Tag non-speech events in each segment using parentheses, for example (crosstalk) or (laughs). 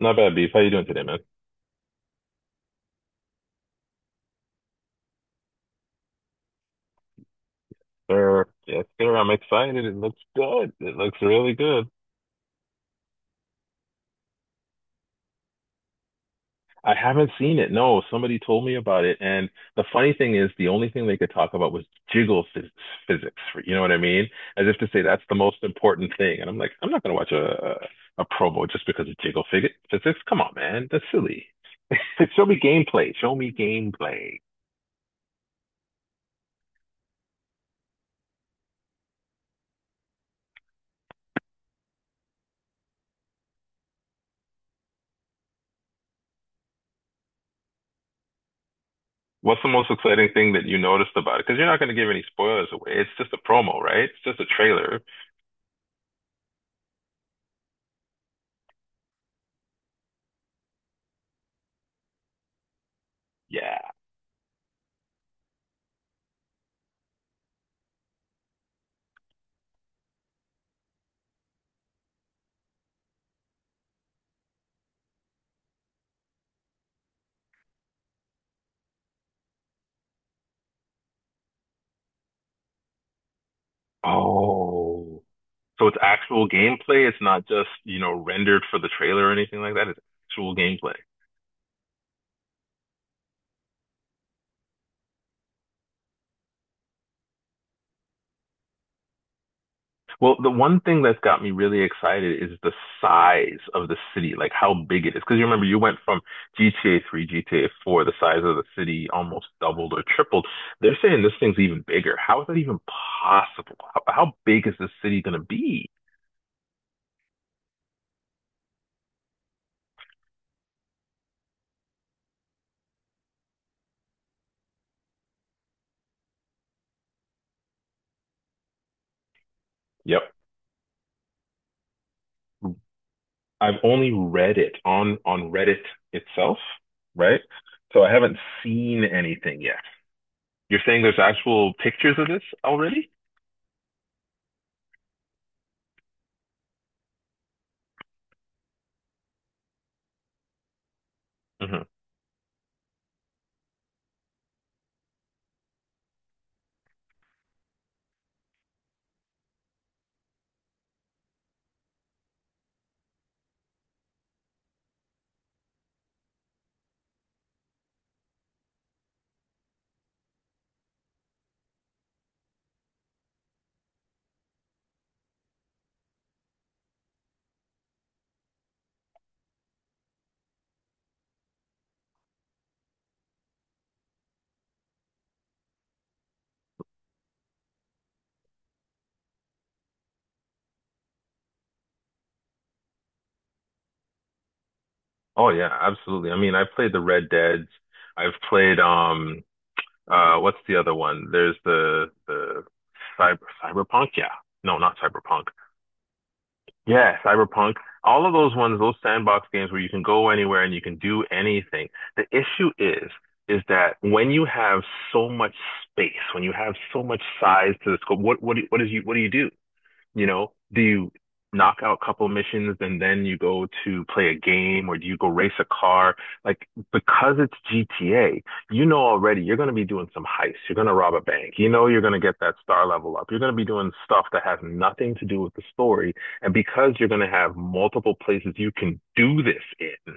Not bad, Beef. How you doing today, man? Sir, yes, sir. I'm excited. It looks good. It looks really good. I haven't seen it. No, somebody told me about it. And the funny thing is, the only thing they could talk about was jiggle phys physics. You know what I mean? As if to say that's the most important thing. And I'm like, I'm not gonna watch a promo just because of jiggle fig physics. Come on, man. That's silly. Like, show me gameplay. Show me gameplay. What's the most exciting thing that you noticed about it? Because you're not gonna give any spoilers away. It's just a promo, right? It's just a trailer. Yeah. Oh, so it's actual gameplay. It's not just, you know, rendered for the trailer or anything like that. It's actual gameplay. Well, the one thing that's got me really excited is the size of the city, like how big it is. Because you remember you went from GTA 3, GTA 4, the size of the city almost doubled or tripled. They're saying this thing's even bigger. How is that even possible? How big is this city going to be? Yep. I've only read it on Reddit itself, right? So I haven't seen anything yet. You're saying there's actual pictures of this already? hmm Oh yeah, absolutely. I mean, I played the Red Deads. I've played what's the other one? There's the Cyberpunk, yeah. No, not Cyberpunk. Yeah, Cyberpunk. All of those ones, those sandbox games where you can go anywhere and you can do anything. The issue is that when you have so much space, when you have so much size to the scope, what do? You know, do you knock out a couple missions and then you go to play a game or do you go race a car? Like, because it's GTA, you know already you're going to be doing some heists. You're going to rob a bank. You know, you're going to get that star level up. You're going to be doing stuff that has nothing to do with the story. And because you're going to have multiple places you can do this in,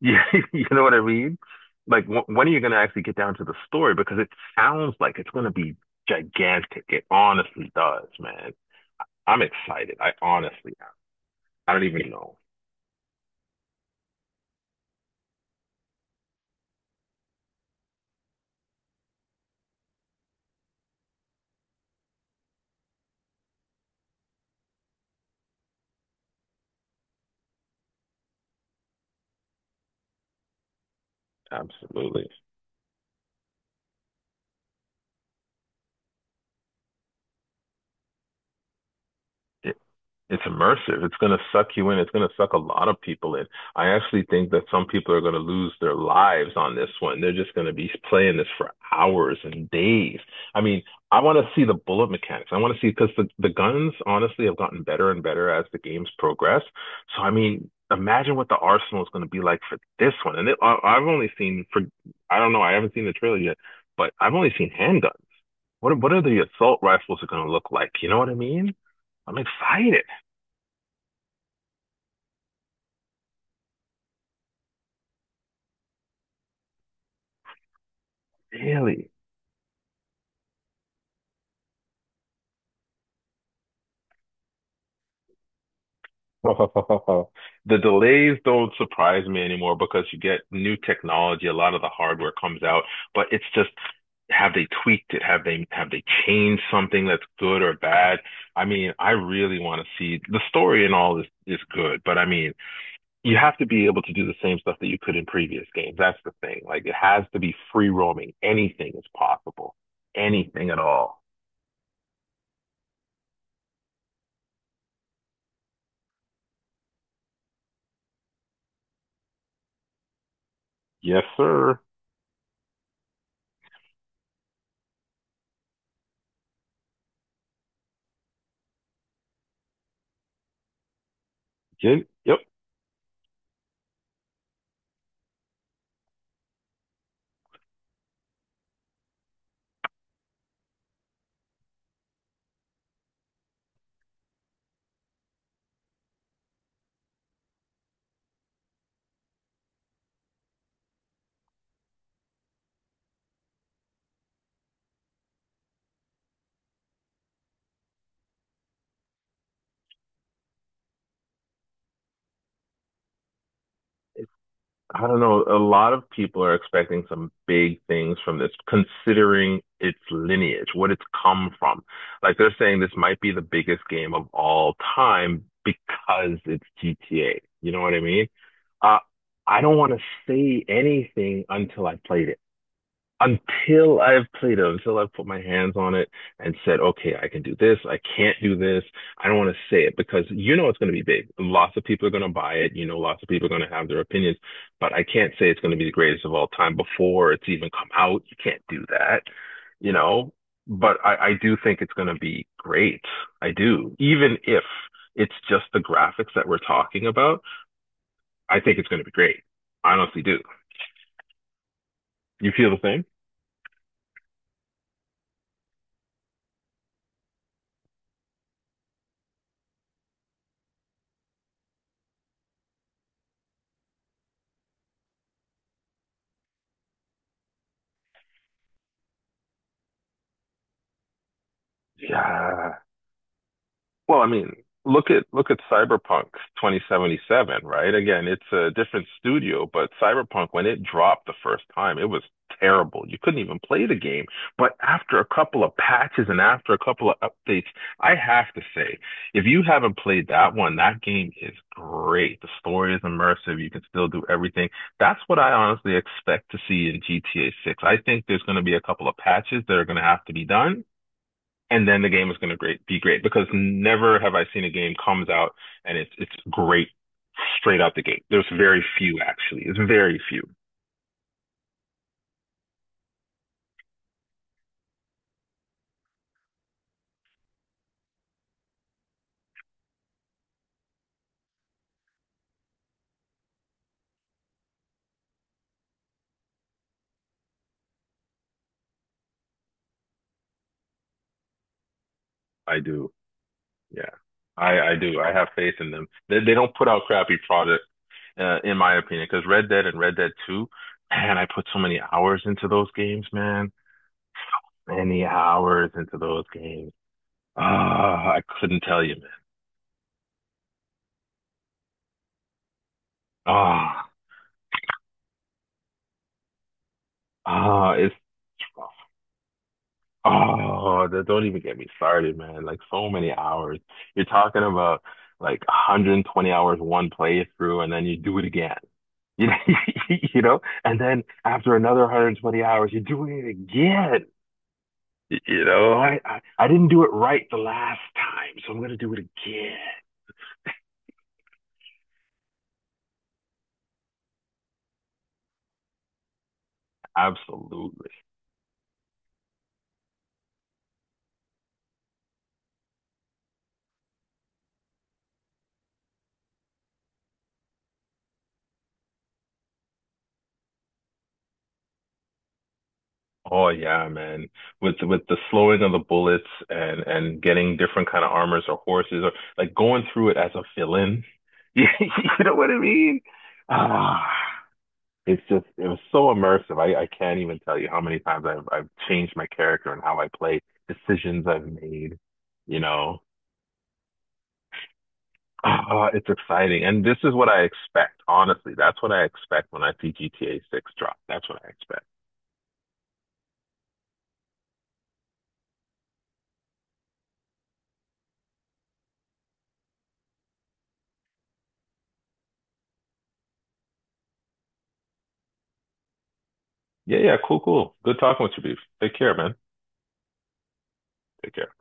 you, (laughs) you know what I mean? Like, when are you going to actually get down to the story? Because it sounds like it's going to be gigantic. It honestly does, man. I'm excited. I don't even know. Absolutely. Yeah. It's immersive. It's going to suck you in. It's going to suck a lot of people in. I actually think that some people are going to lose their lives on this one. They're just going to be playing this for hours and days. I mean, I want to see the bullet mechanics. I want to see because the guns honestly have gotten better and better as the games progress. So, I mean, imagine what the arsenal is going to be like for this one. I've only seen for, I don't know, I haven't seen the trailer yet, but I've only seen handguns. What are the assault rifles are going to look like? You know what I mean? I'm excited. Really? (laughs) The delays don't surprise me anymore because you get new technology, a lot of the hardware comes out, but it's just have they tweaked it? Have they changed something that's good or bad? I mean, I really want to see the story and all is good, but I mean, you have to be able to do the same stuff that you could in previous games. That's the thing. Like it has to be free roaming. Anything is possible. Anything at all. Yes, sir. Yep. I don't know. A lot of people are expecting some big things from this, considering its lineage, what it's come from. Like they're saying this might be the biggest game of all time because it's GTA. You know what I mean? Uh, I don't want to say anything until I've played it, until I've put my hands on it and said, okay, I can do this, I can't do this. I don't want to say it because you know it's going to be big. Lots of people are going to buy it. You know, lots of people are going to have their opinions, but I can't say it's going to be the greatest of all time before it's even come out. You can't do that, you know, but I do think it's going to be great. I do. Even if it's just the graphics that we're talking about, I think it's going to be great. I honestly do. You feel the same? Yeah, well, I mean, look at Cyberpunk 2077, right? Again, it's a different studio, but Cyberpunk, when it dropped the first time, it was terrible. You couldn't even play the game. But after a couple of patches and after a couple of updates, I have to say, if you haven't played that one, that game is great. The story is immersive. You can still do everything. That's what I honestly expect to see in GTA 6. I think there's going to be a couple of patches that are going to have to be done and then the game is going to great be great because never have I seen a game comes out and it's great straight out the gate. There's very few actually. It's very few. I do. Yeah, I do. I have faith in them. They don't put out crappy product in my opinion because Red Dead and Red Dead Two, man, I put so many hours into those games, man. Many hours into those games. I couldn't tell you, man. Ah, uh, ah, it's it's rough. Oh, that don't even get me started, man. Like so many hours. You're talking about like 120 hours one playthrough and then you do it again. You know, (laughs) you know, and then after another 120 hours, you're doing it again. You know, I didn't do it right the last time, so I'm gonna do it again. Absolutely. Oh yeah, man. With the slowing of the bullets and getting different kind of armors or horses or like going through it as a villain. (laughs) You know what I mean? Ah, it's just it was so immersive. I can't even tell you how many times I've changed my character and how I play, decisions I've made, you know. Ah, it's exciting. And this is what I expect, honestly. That's what I expect when I see GTA 6 drop. That's what I expect. Yeah, cool, cool. Good talking with you, Beef. Take care, man. Take care.